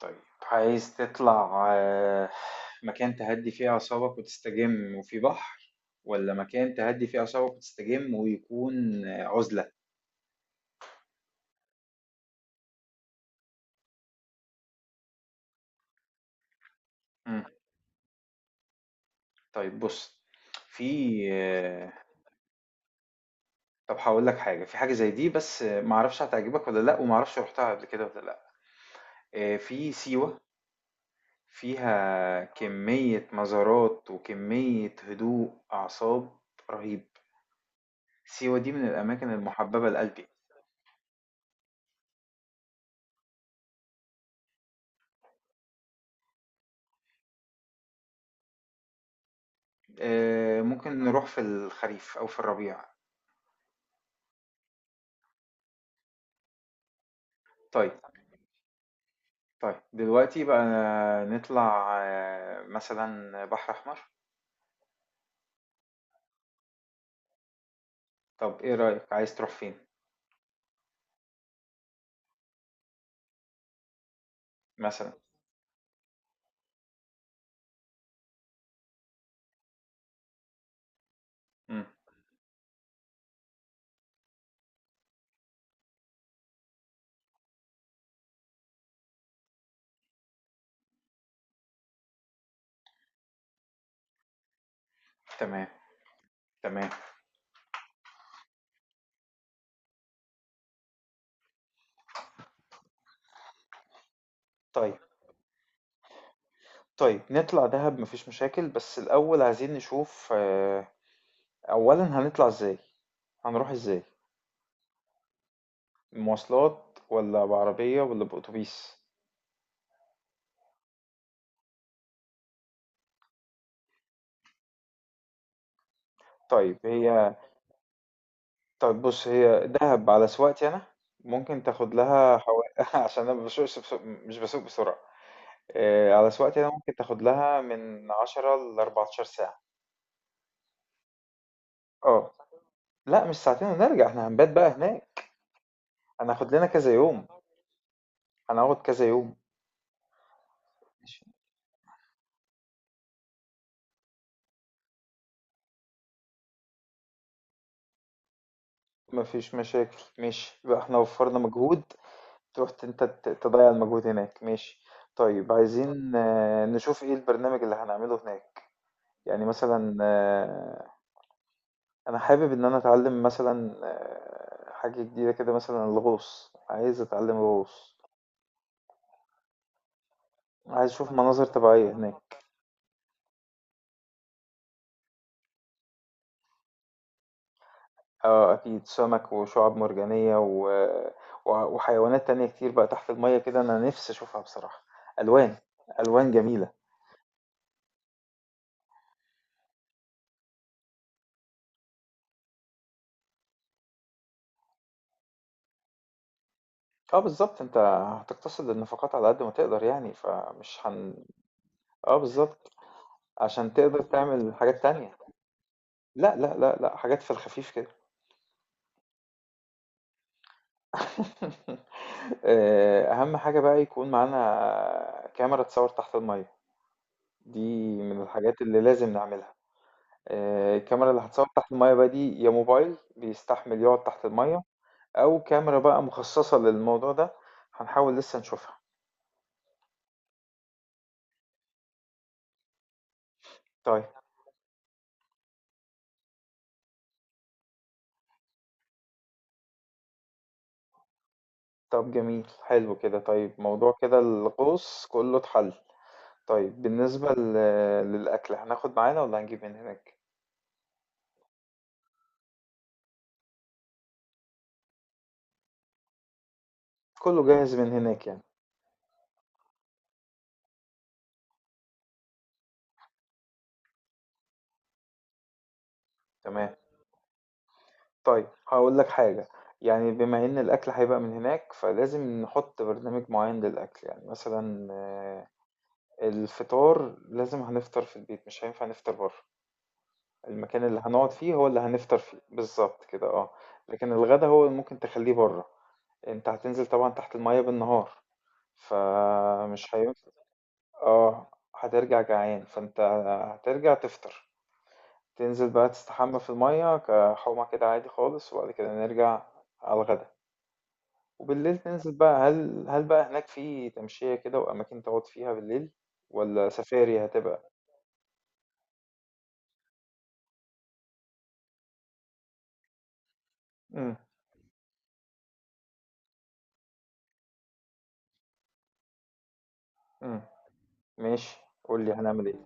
طيب عايز تطلع مكان تهدي فيه أعصابك وتستجم وفي بحر، ولا مكان تهدي فيه أعصابك وتستجم ويكون عزلة. مم. طيب بص. في طب هقول لك حاجة. في حاجة زي دي بس معرفش هتعجبك ولا لأ، ومعرفش رحتها قبل كده ولا لأ. في سيوة، فيها كمية مزارات وكمية هدوء أعصاب رهيب. سيوة دي من الأماكن المحببة لقلبي. ممكن نروح في الخريف أو في الربيع. طيب طيب، دلوقتي بقى نطلع مثلا بحر أحمر. طب إيه رأيك، عايز تروح فين؟ مثلا. مم. تمام تمام. طيب طيب، نطلع دهب مفيش مشاكل، بس الأول عايزين نشوف أولا هنطلع إزاي؟ هنروح إزاي؟ مواصلات ولا بعربية ولا بأتوبيس؟ طيب هي، طيب بُص، هي دهب على سواقتي أنا ممكن تاخد لها حوالي عشان أنا ما باسوقش، بس مش باسوق بسرعة، على سواقتي أنا ممكن تاخد لها من 10 ل14 ساعة. آه، لأ مش ساعتين ونرجع، إحنا هنبات بقى هناك. هناخد لنا كذا يوم، هنقعد كذا يوم. ماشي، ما فيش مشاكل، ماشي، يبقى إحنا وفّرنا مجهود. تروح ت أنت ت تضيّع المجهود هناك، ماشي. طيب عايزين نشوف إيه البرنامج اللي هنعمله هناك، يعني مثلًا انا حابب ان انا اتعلم مثلا حاجة جديدة كده، مثلا الغوص، عايز اتعلم الغوص. عايز اشوف مناظر طبيعية هناك. اه اكيد، سمك وشعاب مرجانية وحيوانات تانية كتير بقى تحت المية كده، انا نفسي اشوفها بصراحة. الوان، الوان جميلة. اه بالظبط، انت هتقتصد النفقات على قد ما تقدر يعني فمش هن. اه بالظبط، عشان تقدر تعمل حاجات تانية. لا لا لا لا، حاجات في الخفيف كده. أهم حاجة بقى يكون معانا كاميرا تصوّر تحت المَيّة، دي من الحاجات اللي لازم نعملها. الكاميرا اللي هتصوّر تحت المَيّة بقى دي، يا موبايل بيستحمل يقعد تحت المَيّة، أو كاميرا بقى مخصّصة للموضوع ده. هنحاول لسه نشوفها. طيب، طب جميل، حلو كده. طيب موضوع كده الغوص كُلّه اتحَل. طيب بالنسبة ل للأكل، هناخد معانا والّا هنجيب من هناك؟ كُلّه جاهز من هناك يعني، تمام. طيب هاقول لك حاجة، يعني بما إن الأكل هيبقى من هناك، فلازم نحُط برنامج معيّن للأكل، يعني مثلًا الفطار لازم هنفطر في البيت، مش هينفع نفطر برّه. المكان اللي هنقعد فيه هو اللي هنفطر فيه، بالضبط كده. لكن الغدا هو اللي ممكن تخلّيه برّه. أنت هتنزل طبعًا تحت المَيّة بالنهار، فمش هينفع. آه، هترجع جعان، فأنت هترجع تفطر، تنزل بقى تستحمى في المَيّة كحومة كده عادي خالص، وبعد كده نرجع على الغدا. وبالليل تنزل بقى هل بقى هناك في تمشية كده وأماكن تقعد فيها بالليل، ولا سفاري هتبقى؟ امم امم ماشي، قول لي هنعمل ايه.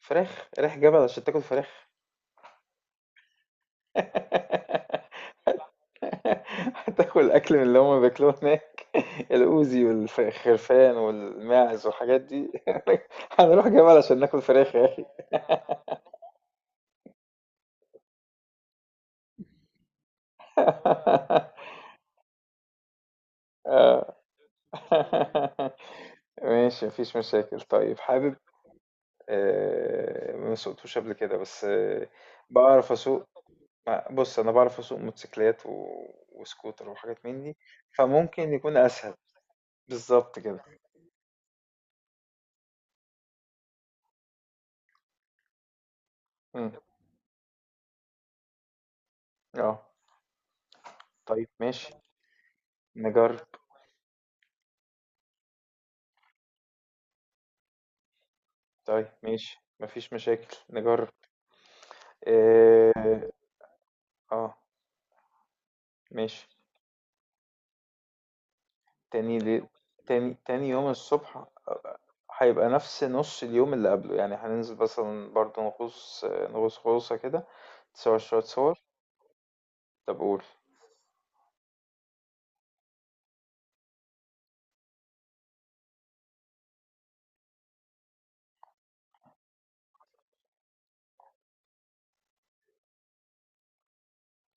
فراخ؟ رايح جبل عشان تاكل فراخ؟ هتاكل اكل من اللي هما بياكلوه هناك، الاوزي والخرفان والماعز والحاجات دي. هنروح جبل عشان ناكل فراخ يا اخي! آه. ماشي مفيش مشاكل. طيب حابب ما سوقتوش قبل كده، بس بعرف اسوق. بص، انا بعرف اسوق موتوسيكلات وسكوتر وحاجات من دي، فممكن يكون اسهل. بالظبط كده. مم. اه، طيب ماشي نجرب. طيب ماشي مفيش مشاكل، نجرب. اه. آه، ماشي. تاني لي... تاني يوم الصبح هيبقى نفس نص اليوم اللي قبله، يعني هننزل مثلا برضه نغوص، نغوص غوصة كده، تصور شوية صور. طب قول.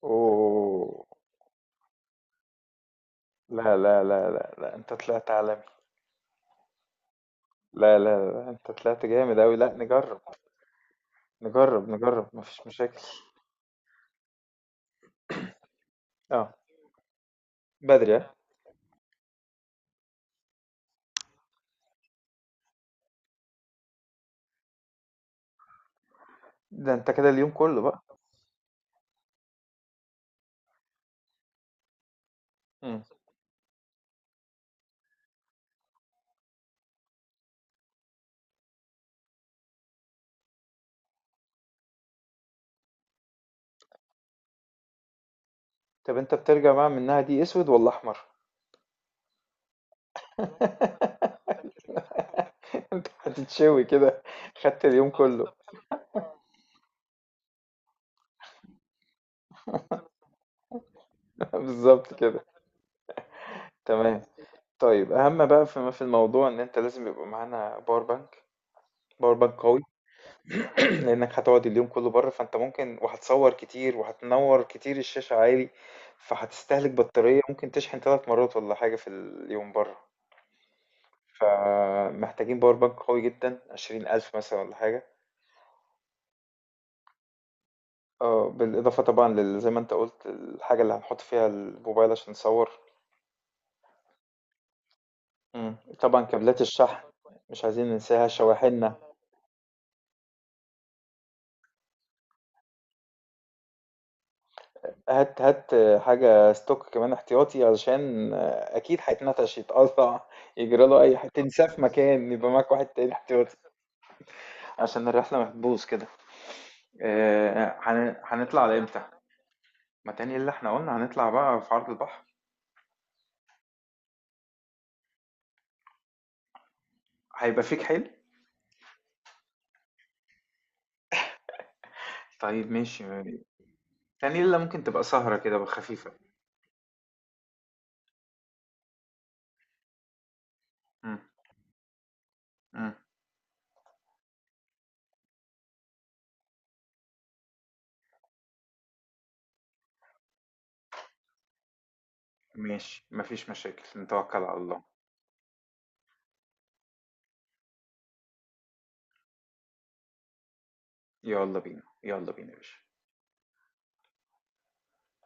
اوه. لا لا لا لا لا، انت طلعت عالمي. لا لا لا، انت طلعت جامد اوي، لا نجرب. نجرب نجرب مفيش مشاكل. اه، بدري اه. ده انت كده اليوم كله بقى. مم. طب انت بترجع بقى منها دي اسود ولا احمر؟ هتتشوي كده. خدت اليوم كله. بالظبط كده. تمام. طيب اهم بقى في الموضوع، ان انت لازم يبقى معانا باور بانك، باور بانك قوي. لأنك هتقعد اليوم كله بره، فأنت ممكن وهتصور كتير وهتنور كتير الشاشة عالي، فهتستهلك بطارية. ممكن تشحن 3 مرات ولا حاجة في اليوم بره، فمحتاجين باور بانك قوي جدا، 20,000 مثلا ولا حاجة. اه بالإضافة طبعا زي ما أنت قلت، الحاجة اللي هنحط فيها الموبايل عشان نصور. مم. طبعا كابلات الشحن مش عايزين ننساها، شواحننا. هات هات حاجة ستوك كمان احتياطي، علشان أكيد هيتنتش يتقطع، يجرى له أي حاجة، تنساه في مكان يبقى معاك واحد تاني احتياطي، عشان الرحلة ما تبوظ كده. هنطلع على إمتى؟ ما تاني اللي احنا قلنا هنطلع بقى في عرض البحر. هيبقى فيك حيل؟ طيب ماشي. تاني اللي ممكن تبقى سهرة كده خفيفة. مم، مم، ماشي مفيش مشاكل، نتوكل على الله. يلا بينا يلا بينا يا باشا